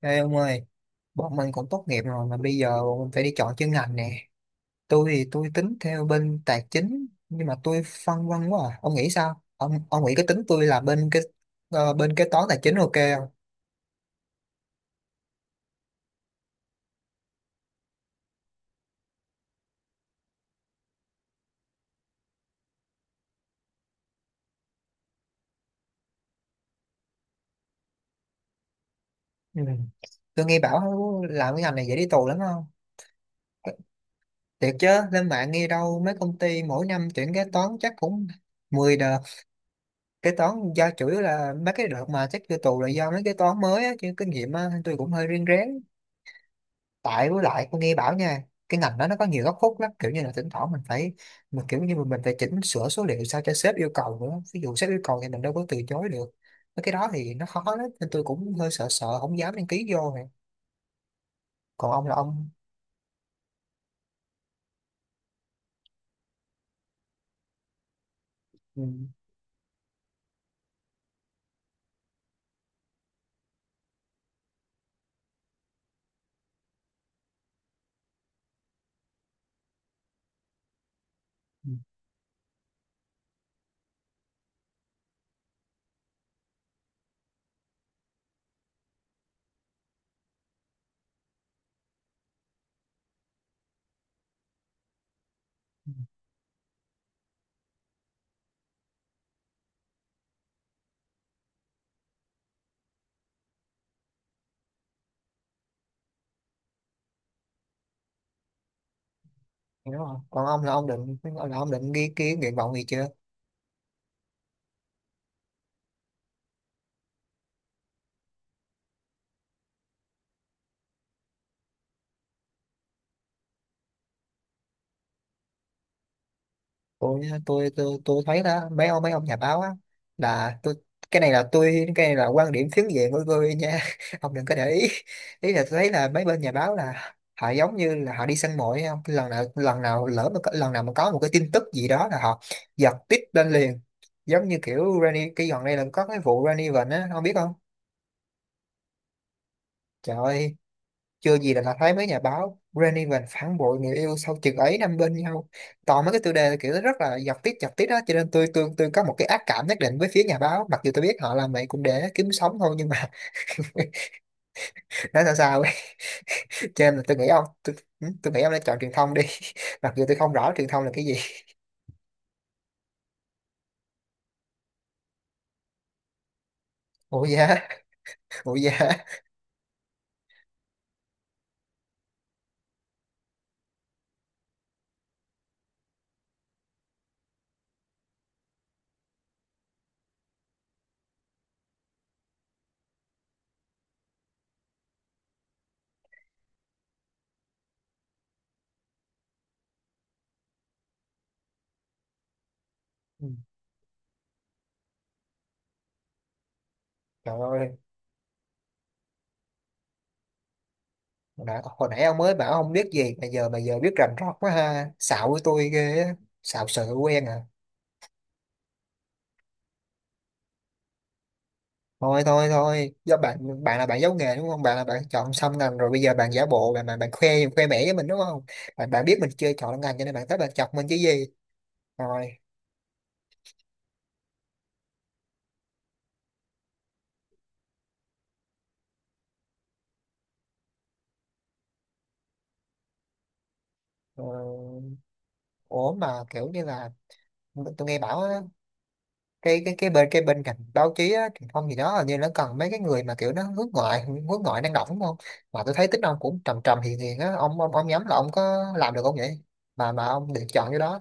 Ê ông ơi, bọn mình cũng tốt nghiệp rồi mà bây giờ bọn mình phải đi chọn chuyên ngành nè. Tôi tính theo bên tài chính nhưng mà tôi phân vân quá à. Ông nghĩ sao? Ông nghĩ cái tính tôi là bên bên kế toán tài chính ok không? Ừ. Tôi nghe bảo làm cái ngành này dễ đi tù lắm không? Thiệt chứ, lên mạng nghe đâu mấy công ty mỗi năm tuyển kế toán chắc cũng 10 đợt. Kế toán do chủ yếu là mấy cái đợt mà chắc vô tù là do mấy kế toán mới á, chứ kinh nghiệm á, tôi cũng hơi riêng rén. Tại với lại tôi nghe bảo nha, cái ngành đó nó có nhiều góc khuất lắm, kiểu như là thỉnh thoảng mình phải mình kiểu như mình phải chỉnh sửa số liệu sao cho sếp yêu cầu nữa, ví dụ sếp yêu cầu thì mình đâu có từ chối được. Mấy cái đó thì nó khó lắm nên tôi cũng hơi sợ sợ không dám đăng ký vô này. Còn ông, ừ, ừ, ừ, đúng không? Còn ông là ông định là ông định ghi ký nguyện vọng gì chưa? Tôi thấy đó, mấy ông nhà báo á, là tôi cái này là quan điểm phiến diện của tôi nha, ông đừng có để ý. Ý là tôi thấy là mấy bên nhà báo là họ giống như là họ đi săn mồi ấy, không, lần nào lỡ mà có- lần nào mà có một cái tin tức gì đó là họ giật tít lên liền. Giống như kiểu Rani, cái gần đây là có cái vụ Rani Vịnh á, ông biết không? Trời ơi, chưa gì là đã thấy mấy nhà báo "Granny và phản bội người yêu sau chừng ấy năm bên nhau", toàn mấy cái tiêu đề kiểu rất là giật tít, giật tít đó. Cho nên tôi có một cái ác cảm nhất định với phía nhà báo, mặc dù tôi biết họ làm vậy cũng để kiếm sống thôi, nhưng mà nói sao sao ấy. Cho nên là tôi nghĩ ông nên chọn truyền thông đi. Mặc dù tôi không rõ truyền thông là cái gì. Ủa dạ. Ủa dạ. Ừ, trời ơi, hồi nãy ông mới bảo ông biết gì mà giờ biết rành rọt quá ha, xạo với tôi ghê á, xạo sợ quen à. Thôi thôi thôi, do bạn bạn là bạn giấu nghề đúng không? Bạn chọn xong ngành rồi bây giờ bạn giả bộ bạn bạn, bạn khoe, khoe mẽ với mình đúng không? Bạn bạn biết mình chưa chọn ngành cho nên bạn tới bạn chọc mình chứ gì? Rồi. ờ, Ủa mà kiểu như là tôi nghe bảo á, cái bên cạnh báo chí á, truyền thông gì đó, hình như nó cần mấy cái người mà kiểu nó hướng ngoại, hướng ngoại năng động đúng không? Mà tôi thấy tính ông cũng trầm trầm hiền hiền á, ông nhắm là ông có làm được không vậy? Mà ông được chọn cái đó.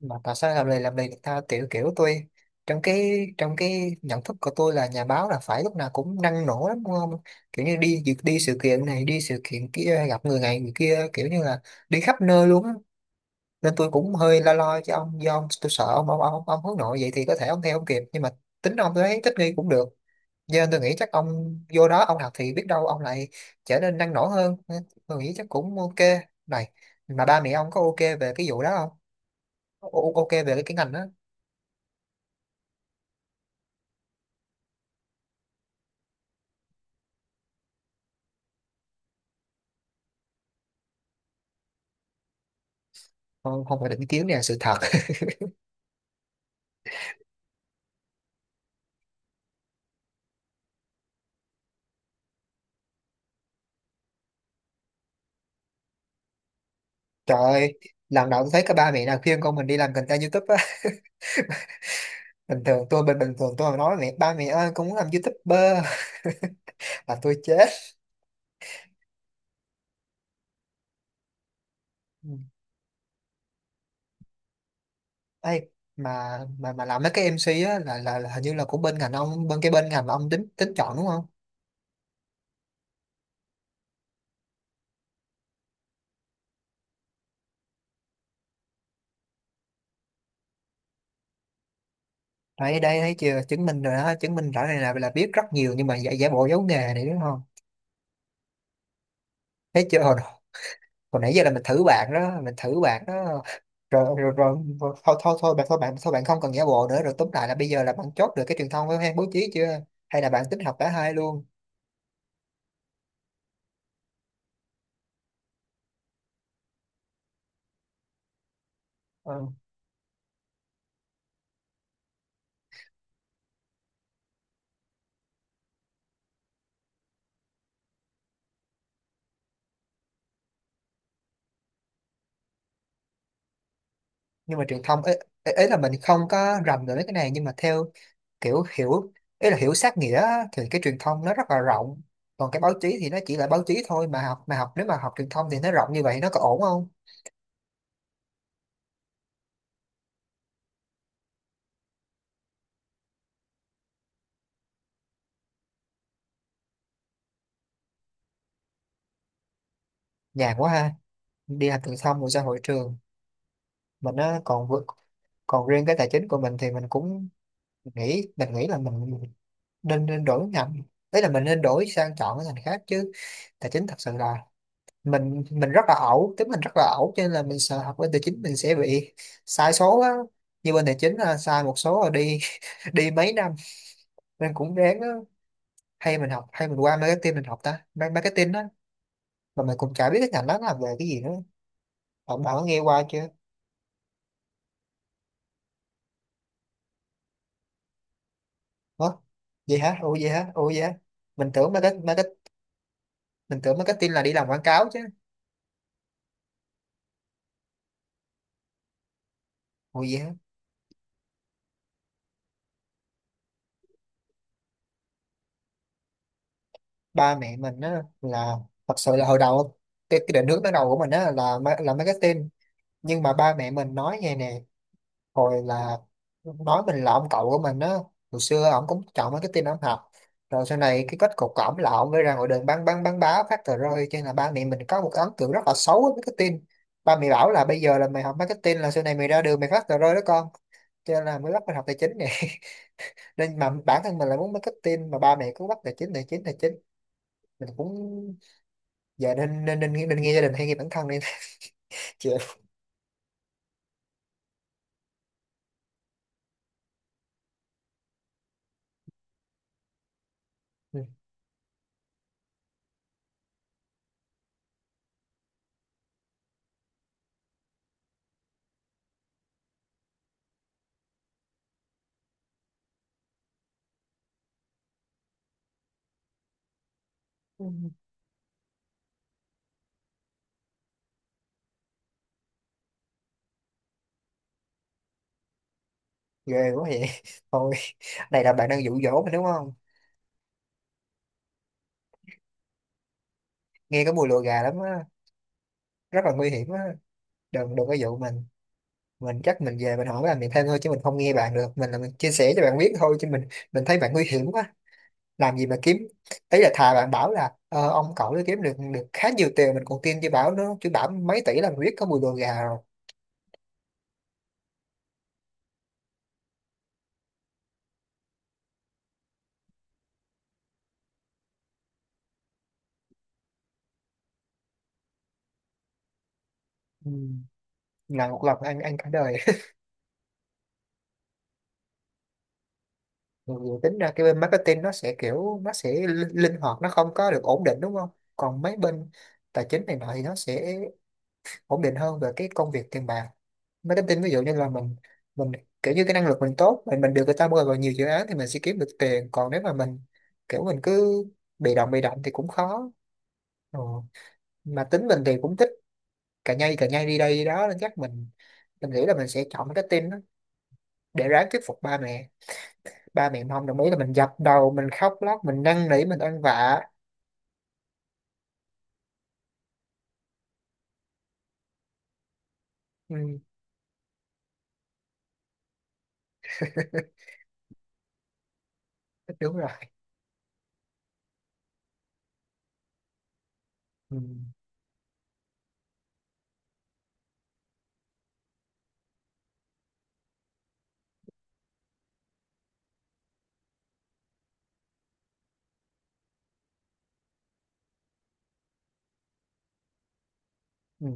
Mà tại sao làm lì người ta, kiểu kiểu tôi trong cái nhận thức của tôi là nhà báo là phải lúc nào cũng năng nổ lắm đúng không? Kiểu như đi việc, đi sự kiện này đi sự kiện kia, gặp người này người kia, kiểu như là đi khắp nơi luôn á. Nên tôi cũng hơi lo lo cho ông, do tôi sợ ông hướng nội vậy thì có thể ông theo ông kịp, nhưng mà tính ông tôi thấy thích nghi cũng được. Cho nên tôi nghĩ chắc ông vô đó ông học thì biết đâu ông lại trở nên năng nổ hơn. Nên tôi nghĩ chắc cũng ok. Này, mà ba mẹ ông có ok về cái vụ đó không? Ok về cái ngành đó. Không, không phải định kiến nè, sự thật. Trời ơi, lần đầu tôi thấy cái ba mẹ nào khuyên con mình đi làm content YouTube á. Bình thường tôi mà nói mẹ, ba mẹ ơi con muốn làm YouTuber, là tôi chết. Ừ. Ê, mà làm mấy cái MC á là hình như là của bên ngành ông, bên cái bên ngành mà ông tính tính chọn đúng không? Đây đây, thấy chưa, chứng minh rồi đó, chứng minh rõ này, là biết rất nhiều nhưng mà giả giả bộ giấu nghề này đúng không? Thấy chưa, hồi nãy giờ là mình thử bạn đó, mình thử bạn đó. Rồi rồi, rồi, rồi. Thôi thôi thôi bạn, thôi bạn, thôi bạn không cần giả bộ nữa. Rồi tóm lại là bây giờ là bạn chốt được cái truyền thông với hay bố trí chưa? Hay là bạn tính học cả hai luôn? Ừ. Nhưng mà truyền thông ấy là mình không có rành về mấy cái này, nhưng mà theo kiểu hiểu, ấy là hiểu sát nghĩa á, thì cái truyền thông nó rất là rộng, còn cái báo chí thì nó chỉ là báo chí thôi. Mà học, nếu mà học truyền thông thì nó rộng như vậy nó có ổn không? Nhàn quá ha, đi học truyền thông rồi ra hội trường, mình á còn vượt. Còn riêng cái tài chính của mình thì mình nghĩ là mình nên nên đổi ngành. Đấy là mình nên đổi sang chọn cái ngành khác chứ, tài chính thật sự là mình rất là ẩu, tính mình rất là ẩu, cho nên là mình sợ học bên tài chính mình sẽ bị sai số á. Như bên tài chính là sai một số rồi đi đi mấy năm, nên cũng ráng á. Hay mình học, hay mình qua marketing, mình học marketing á, mà mình cũng chả biết cái ngành đó nó làm về cái gì nữa. Bạn bạn có nghe qua chưa? Hả? Vậy hả? Ủa vậy hả? Mình tưởng market, market, mình tưởng marketing là đi làm quảng cáo chứ. Ủa vậy hả? Ba mẹ mình á là, thật sự là hồi đầu cái định hướng ban đầu của mình á là là marketing, nhưng mà ba mẹ mình nói nghe nè. Hồi là nói mình là ông cậu của mình á, hồi xưa ổng cũng chọn marketing ổng học, rồi sau này cái kết cục của ổng là ổng mới ra ngoài đường bán báo phát tờ rơi, cho nên là ba mẹ mình có một cái ấn tượng rất là xấu với marketing. Ba mẹ bảo là bây giờ là mày học marketing là sau này mày ra đường mày phát tờ rơi đó con. Cho nên là mới bắt mình học tài chính nè. Nên mà bản thân mình lại muốn marketing mà ba mẹ cứ bắt tài chính, tài chính, tài chính. Mình cũng dạ, nên nên nên nghĩ nên nghe gia đình hay nghe bản thân đi? Chị. Ừ, Ừ. Ghê quá vậy. Thôi, này là bạn đang dụ dỗ mình đúng không? Nghe cái mùi lùa gà lắm á, rất là nguy hiểm á. Đừng đừng có dụ mình. Mình chắc mình về mình hỏi làm việc thêm thôi chứ mình không nghe bạn được. Mình là mình chia sẻ cho bạn biết thôi, chứ mình thấy bạn nguy hiểm quá. Làm gì mà kiếm, ý là thà bạn bảo là ông cậu nó kiếm được được khá nhiều tiền mình còn tin, chứ bảo nó chứ bảo mấy tỷ là mình biết có mùi lùa gà rồi. Ừ. Là một lần ăn ăn cả đời. Mặc dù tính ra cái bên marketing nó sẽ kiểu nó sẽ linh linh hoạt, nó không có được ổn định đúng không? Còn mấy bên tài chính này nọ thì nó sẽ ổn định hơn về cái công việc tiền bạc. Marketing ví dụ như là mình kiểu như cái năng lực mình tốt, mình được người ta mời vào nhiều dự án thì mình sẽ kiếm được tiền, còn nếu mà mình kiểu mình cứ bị động thì cũng khó. Ừ. Mà tính mình thì cũng thích cà nhây đi đây đi đó, nên chắc mình nghĩ là mình sẽ chọn marketing đó, để ráng thuyết phục ba mẹ. Ba mẹ mà không đồng ý là mình dập đầu, mình khóc lóc, mình năn nỉ, mình ăn vạ. Ừ, đúng rồi, ừ, ừ.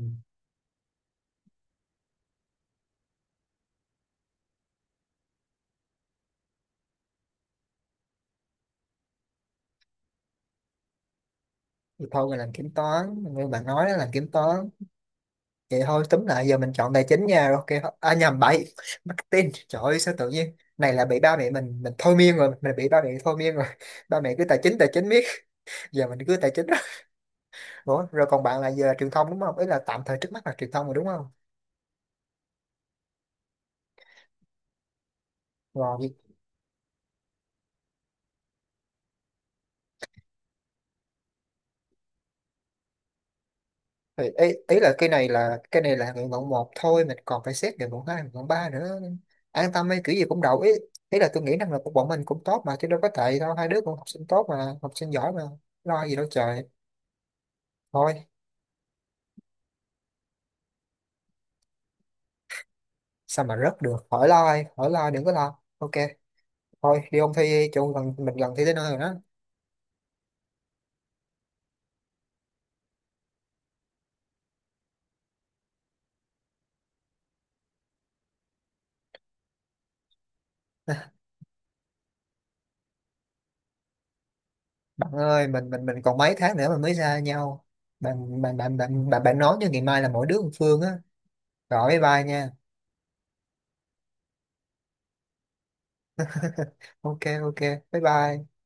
Thì thôi mình làm kiểm toán như bạn nói đó, làm kiểm toán vậy thôi. Túm lại giờ mình chọn tài chính nha, ok, à nhầm, bậy, marketing. Trời ơi, sao tự nhiên này là bị ba mẹ mình thôi miên rồi, mình bị ba mẹ thôi miên rồi. Ba mẹ cứ tài chính, tài chính miết, giờ mình cứ tài chính. Ủa, rồi còn bạn là giờ là truyền thông đúng không? Ý là tạm thời trước mắt là truyền thông rồi đúng không? Rồi. Thì ý là cái này là cái này là nguyện vọng một thôi, mình còn phải xét nguyện vọng hai, nguyện vọng ba nữa. An tâm ấy, kiểu gì cũng đậu ý. Ý là tôi nghĩ năng lực của bọn mình cũng tốt mà, chứ đâu có tệ đâu, hai đứa cũng học sinh tốt mà, học sinh giỏi mà, lo gì đâu trời. Thôi, sao mà rớt được, khỏi lo, ai khỏi lo, đừng có lo, ok. Thôi đi ôn thi đi, chung gần mình, gần thi tới nơi rồi đó. Bạn ơi, mình còn mấy tháng nữa mà mới ra nhau. Bạn bạn bạn bạn bạn, bạn nói cho ngày mai là mỗi đứa một phương á, rồi bye bye nha. Ok, ok, bye bye.